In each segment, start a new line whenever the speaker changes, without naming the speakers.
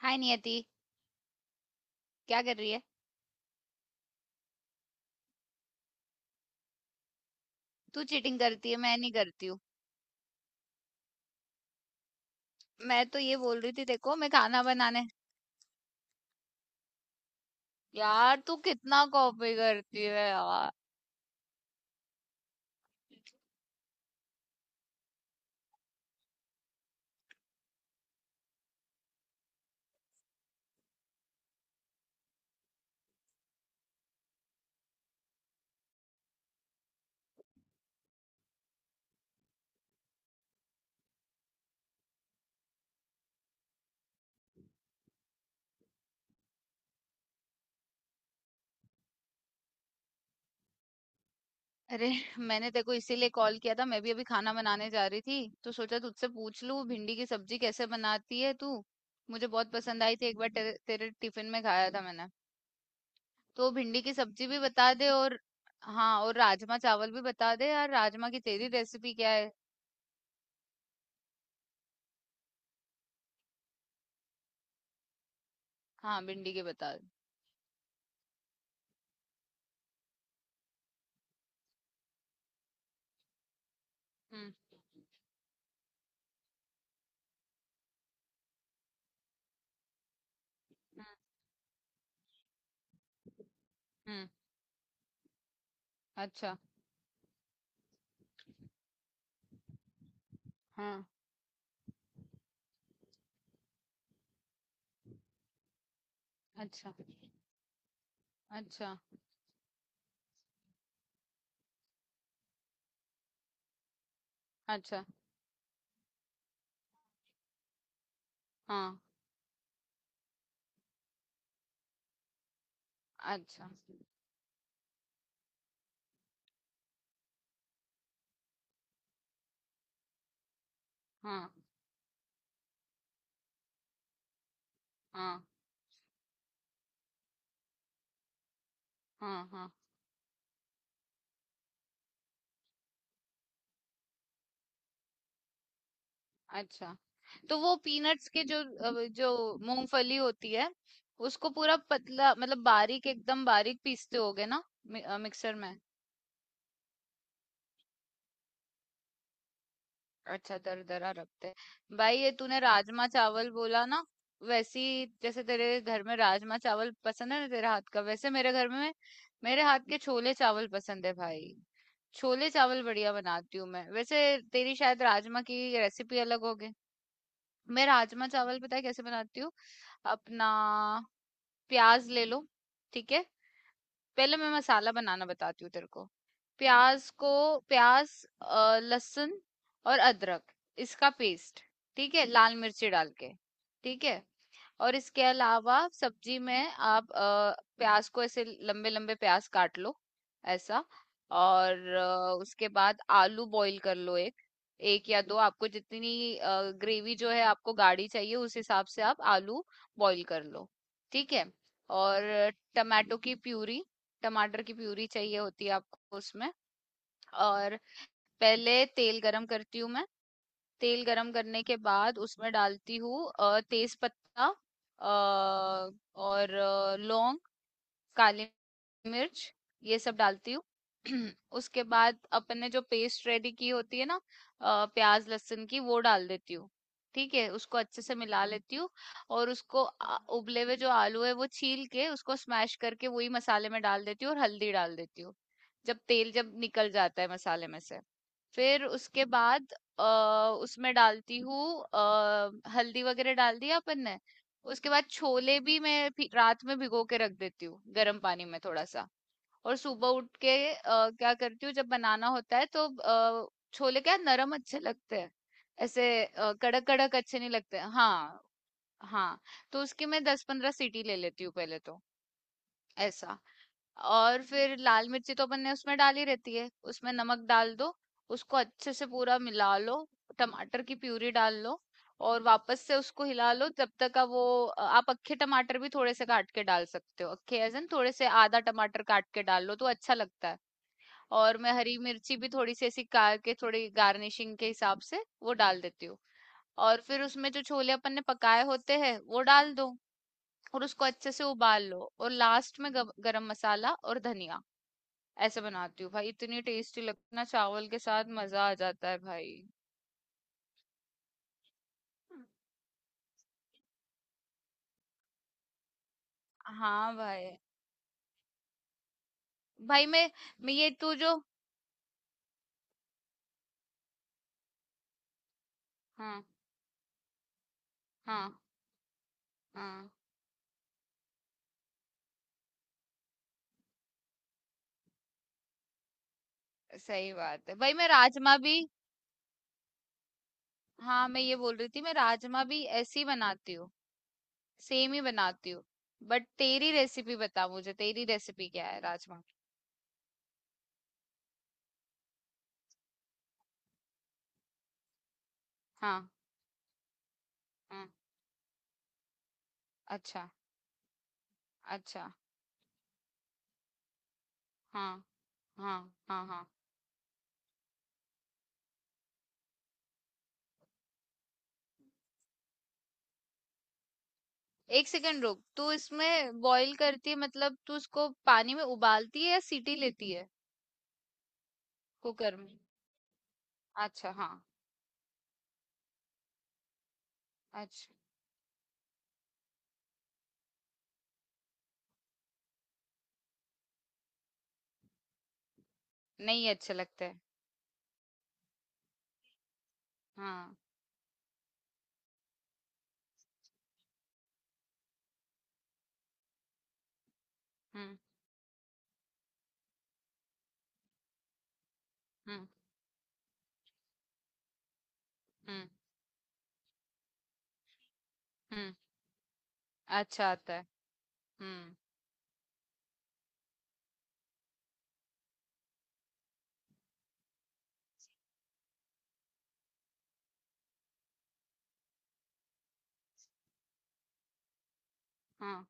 हाय नियति। क्या कर रही है? तू चीटिंग करती है, मैं नहीं करती हूँ। मैं तो ये बोल रही थी, देखो मैं खाना बनाने। यार तू कितना कॉपी करती है यार। अरे, मैंने देखो इसीलिए कॉल किया था, मैं भी अभी खाना बनाने जा रही थी। तो सोचा तुझसे पूछ लूँ भिंडी की सब्जी कैसे बनाती है तू। मुझे बहुत पसंद आई थी, एक बार तेरे टिफिन में खाया था मैंने। तो भिंडी की सब्जी भी बता दे। और हाँ, और राजमा चावल भी बता दे यार, राजमा की तेरी रेसिपी क्या है? हाँ, भिंडी की बता दे। हम्म हम्म हम्म। अच्छा। हाँ। अच्छा। अच्छा। अच्छा। हाँ। अच्छा। हाँ। हाँ। हाँ। हाँ। अच्छा। तो वो पीनट्स के जो जो मूंगफली होती है, उसको पूरा पतला मतलब बारीक एकदम बारीक पीसते होगे ना मिक्सर में। अच्छा, दरदरा रखते हैं भाई। ये तूने राजमा चावल बोला ना वैसी, जैसे तेरे घर में राजमा चावल पसंद है ना तेरे हाथ का, वैसे मेरे घर में मेरे हाथ के छोले चावल पसंद है भाई। छोले चावल बढ़िया बनाती हूँ मैं, वैसे तेरी शायद राजमा की रेसिपी अलग होगी। मैं राजमा चावल पता है कैसे बनाती हूँ। अपना प्याज ले लो, ठीक है? पहले मैं मसाला बनाना बताती हूँ तेरे को। प्याज को, प्याज, लहसुन और अदरक, इसका पेस्ट, ठीक है, लाल मिर्ची डाल के, ठीक है। और इसके अलावा सब्जी में आप प्याज को ऐसे लंबे लंबे प्याज काट लो, ऐसा। और उसके बाद आलू बॉईल कर लो, एक एक या दो, आपको जितनी ग्रेवी जो है आपको गाढ़ी चाहिए उस हिसाब से आप आलू बॉईल कर लो, ठीक है। और टमाटो की प्यूरी टमाटर की प्यूरी चाहिए होती है आपको उसमें। और पहले तेल गरम करती हूँ मैं। तेल गरम करने के बाद उसमें डालती हूँ तेज पत्ता और लौंग, काली मिर्च, ये सब डालती हूँ। उसके बाद अपन ने जो पेस्ट रेडी की होती है ना, प्याज लहसुन की, वो डाल देती हूँ, ठीक है। उसको अच्छे से मिला लेती हूँ। और उसको उबले हुए जो आलू है वो छील के उसको स्मैश करके वही मसाले में डाल देती हूँ और हल्दी डाल देती हूँ। जब निकल जाता है मसाले में से, फिर उसके बाद अ, उसमें डालती हूँ अ, हल्दी वगैरह डाल दिया अपन ने। उसके बाद छोले भी रात में भिगो के रख देती हूँ गर्म पानी में थोड़ा सा। और सुबह उठ के क्या करती हूँ जब बनाना होता है तो छोले क्या नरम अच्छे लगते हैं। ऐसे कड़क कड़क अच्छे नहीं लगते। हाँ। हाँ, तो उसकी मैं 10-15 सीटी ले लेती हूँ पहले तो, ऐसा। और फिर लाल मिर्ची तो अपन ने उसमें डाली रहती है, उसमें नमक डाल दो। उसको अच्छे से पूरा मिला लो। टमाटर की प्यूरी डाल लो। और वापस से उसको हिला लो जब तक का वो। आप अक्खे टमाटर भी थोड़े से काट के डाल सकते हो, अक्खे एज इन थोड़े से आधा टमाटर काट के डाल लो तो अच्छा लगता है। और मैं हरी मिर्ची भी थोड़ी सी ऐसी काट के थोड़ी गार्निशिंग के हिसाब से वो डाल देती हूँ। और फिर उसमें जो छोले अपन ने पकाए होते हैं वो डाल दो। और उसको अच्छे से उबाल लो और लास्ट में गरम मसाला और धनिया। ऐसे बनाती हूँ भाई, इतनी टेस्टी लगती ना चावल के साथ, मजा आ जाता है भाई। हाँ भाई। भाई मैं ये तू जो। हाँ हाँ हाँ। सही बात है भाई। मैं राजमा भी हाँ, मैं ये बोल रही थी मैं राजमा भी ऐसे ही बनाती हूँ। सेम ही बनाती हूँ। बट तेरी रेसिपी बता, मुझे तेरी रेसिपी क्या है राजमा की? हाँ हाँ। अच्छा। अच्छा हाँ। हाँ हाँ हाँ एक सेकंड रुक, तू इसमें बॉईल करती है मतलब? तू इसको पानी में उबालती है या सीटी लेती है? कुकर में। अच्छा हाँ। अच्छा। नहीं, अच्छे लगते हैं। हाँ। हम्म हम्म हम्म हम्म। अच्छा आता है। हम्म। हाँ।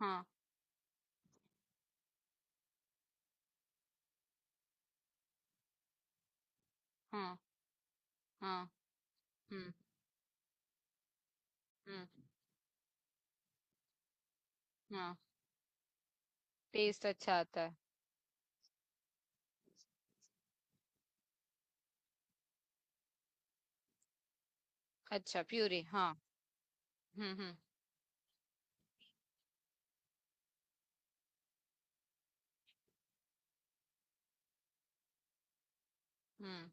हाँ हाँ हाँ। हम्म हम्म। हाँ, टेस्ट अच्छा आता है। अच्छा, प्यूरी, हाँ। हम्म हम्म हम्म।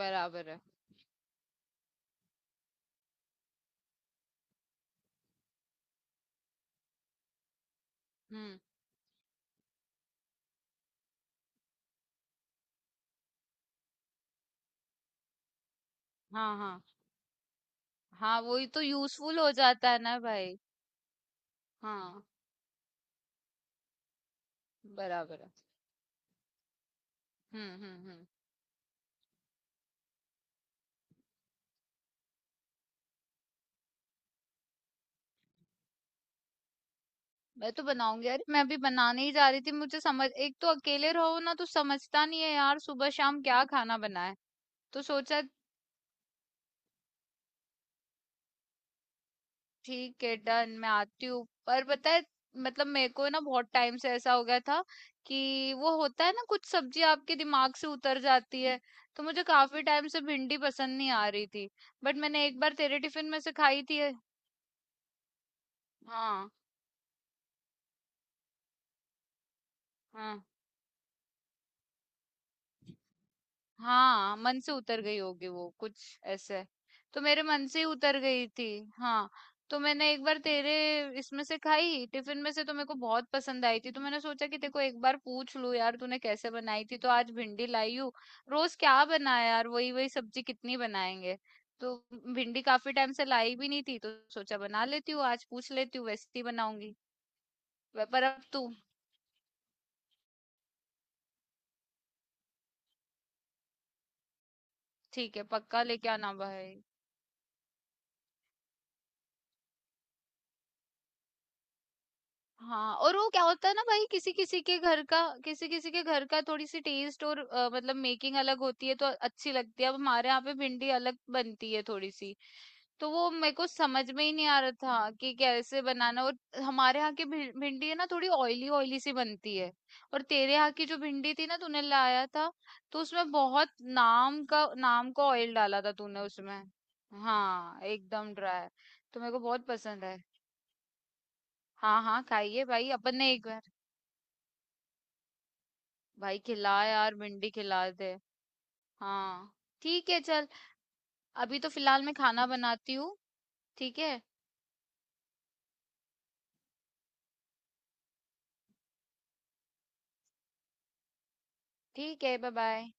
बराबर है। हम्म। हाँ हाँ। हाँ, वही तो यूजफुल हो जाता है ना भाई। हाँ। बराबर है। हम्म। मैं तो बनाऊंगी यार, मैं अभी बनाने ही जा रही थी। मुझे समझ, एक तो अकेले रहो ना तो समझता नहीं है यार, सुबह शाम क्या खाना बनाए। तो सोचा। ठीक है डन, मैं आती हूँ। पर पता है मतलब मेरे को ना बहुत टाइम से ऐसा हो गया था कि वो होता है ना कुछ सब्जी आपके दिमाग से उतर जाती है। तो मुझे काफी टाइम से भिंडी पसंद नहीं आ रही थी। बट मैंने एक बार तेरे टिफिन में से खाई थी। हाँ हाँ। हाँ, मन से उतर गई होगी वो कुछ ऐसे। तो मेरे मन से ही उतर गई थी। हाँ, तो मैंने एक बार तेरे इसमें से खाई, टिफ़िन में से, तो मेरे को बहुत पसंद आई थी। तो मैंने सोचा कि तेरे को एक बार पूछ लूँ यार तूने कैसे बनाई थी। तो आज भिंडी लाई हूँ। रोज़ क्या बनाया यार, वही-वही सब्जी कितनी बनाएँगे। तो भिंडी काफ़ी टाइम से लाई भी नहीं थी तो सोचा बना लेती हूँ आज, पूछ लेती हूँ वैसे ही बनाऊँगी। व पर अब तू। ठीक है, पक्का लेके आना भाई। हाँ, और वो क्या होता है ना भाई, किसी-किसी के घर का थोड़ी-सी टेस्ट और मतलब मेकिंग अलग होती है तो अच्छी लगती है। अब हमारे यहाँ पे भिंडी अलग बनती है थोड़ी-सी। तो वो मेरे को समझ में ही नहीं आ रहा था कि कैसे बनाना। और हमारे यहाँ की भि भिंडी है ना थोड़ी ऑयली ऑयली सी बनती है। और तेरे यहाँ की जो भिंडी थी ना तूने लाया था, तो उसमें बहुत नाम का ऑयल डाला था तूने उसमें। हाँ, एकदम ड्राई, तो मेरे को बहुत पसंद है। हाँ, हाँ, खाइए भाई अपन ने एक। भाई खिला, यार भिंडी खिला दे। हाँ, ठीक है चल। अभी तो फिलहाल मैं खाना बनाती हूँ। ठीक है। ठीक है, बाय बाय।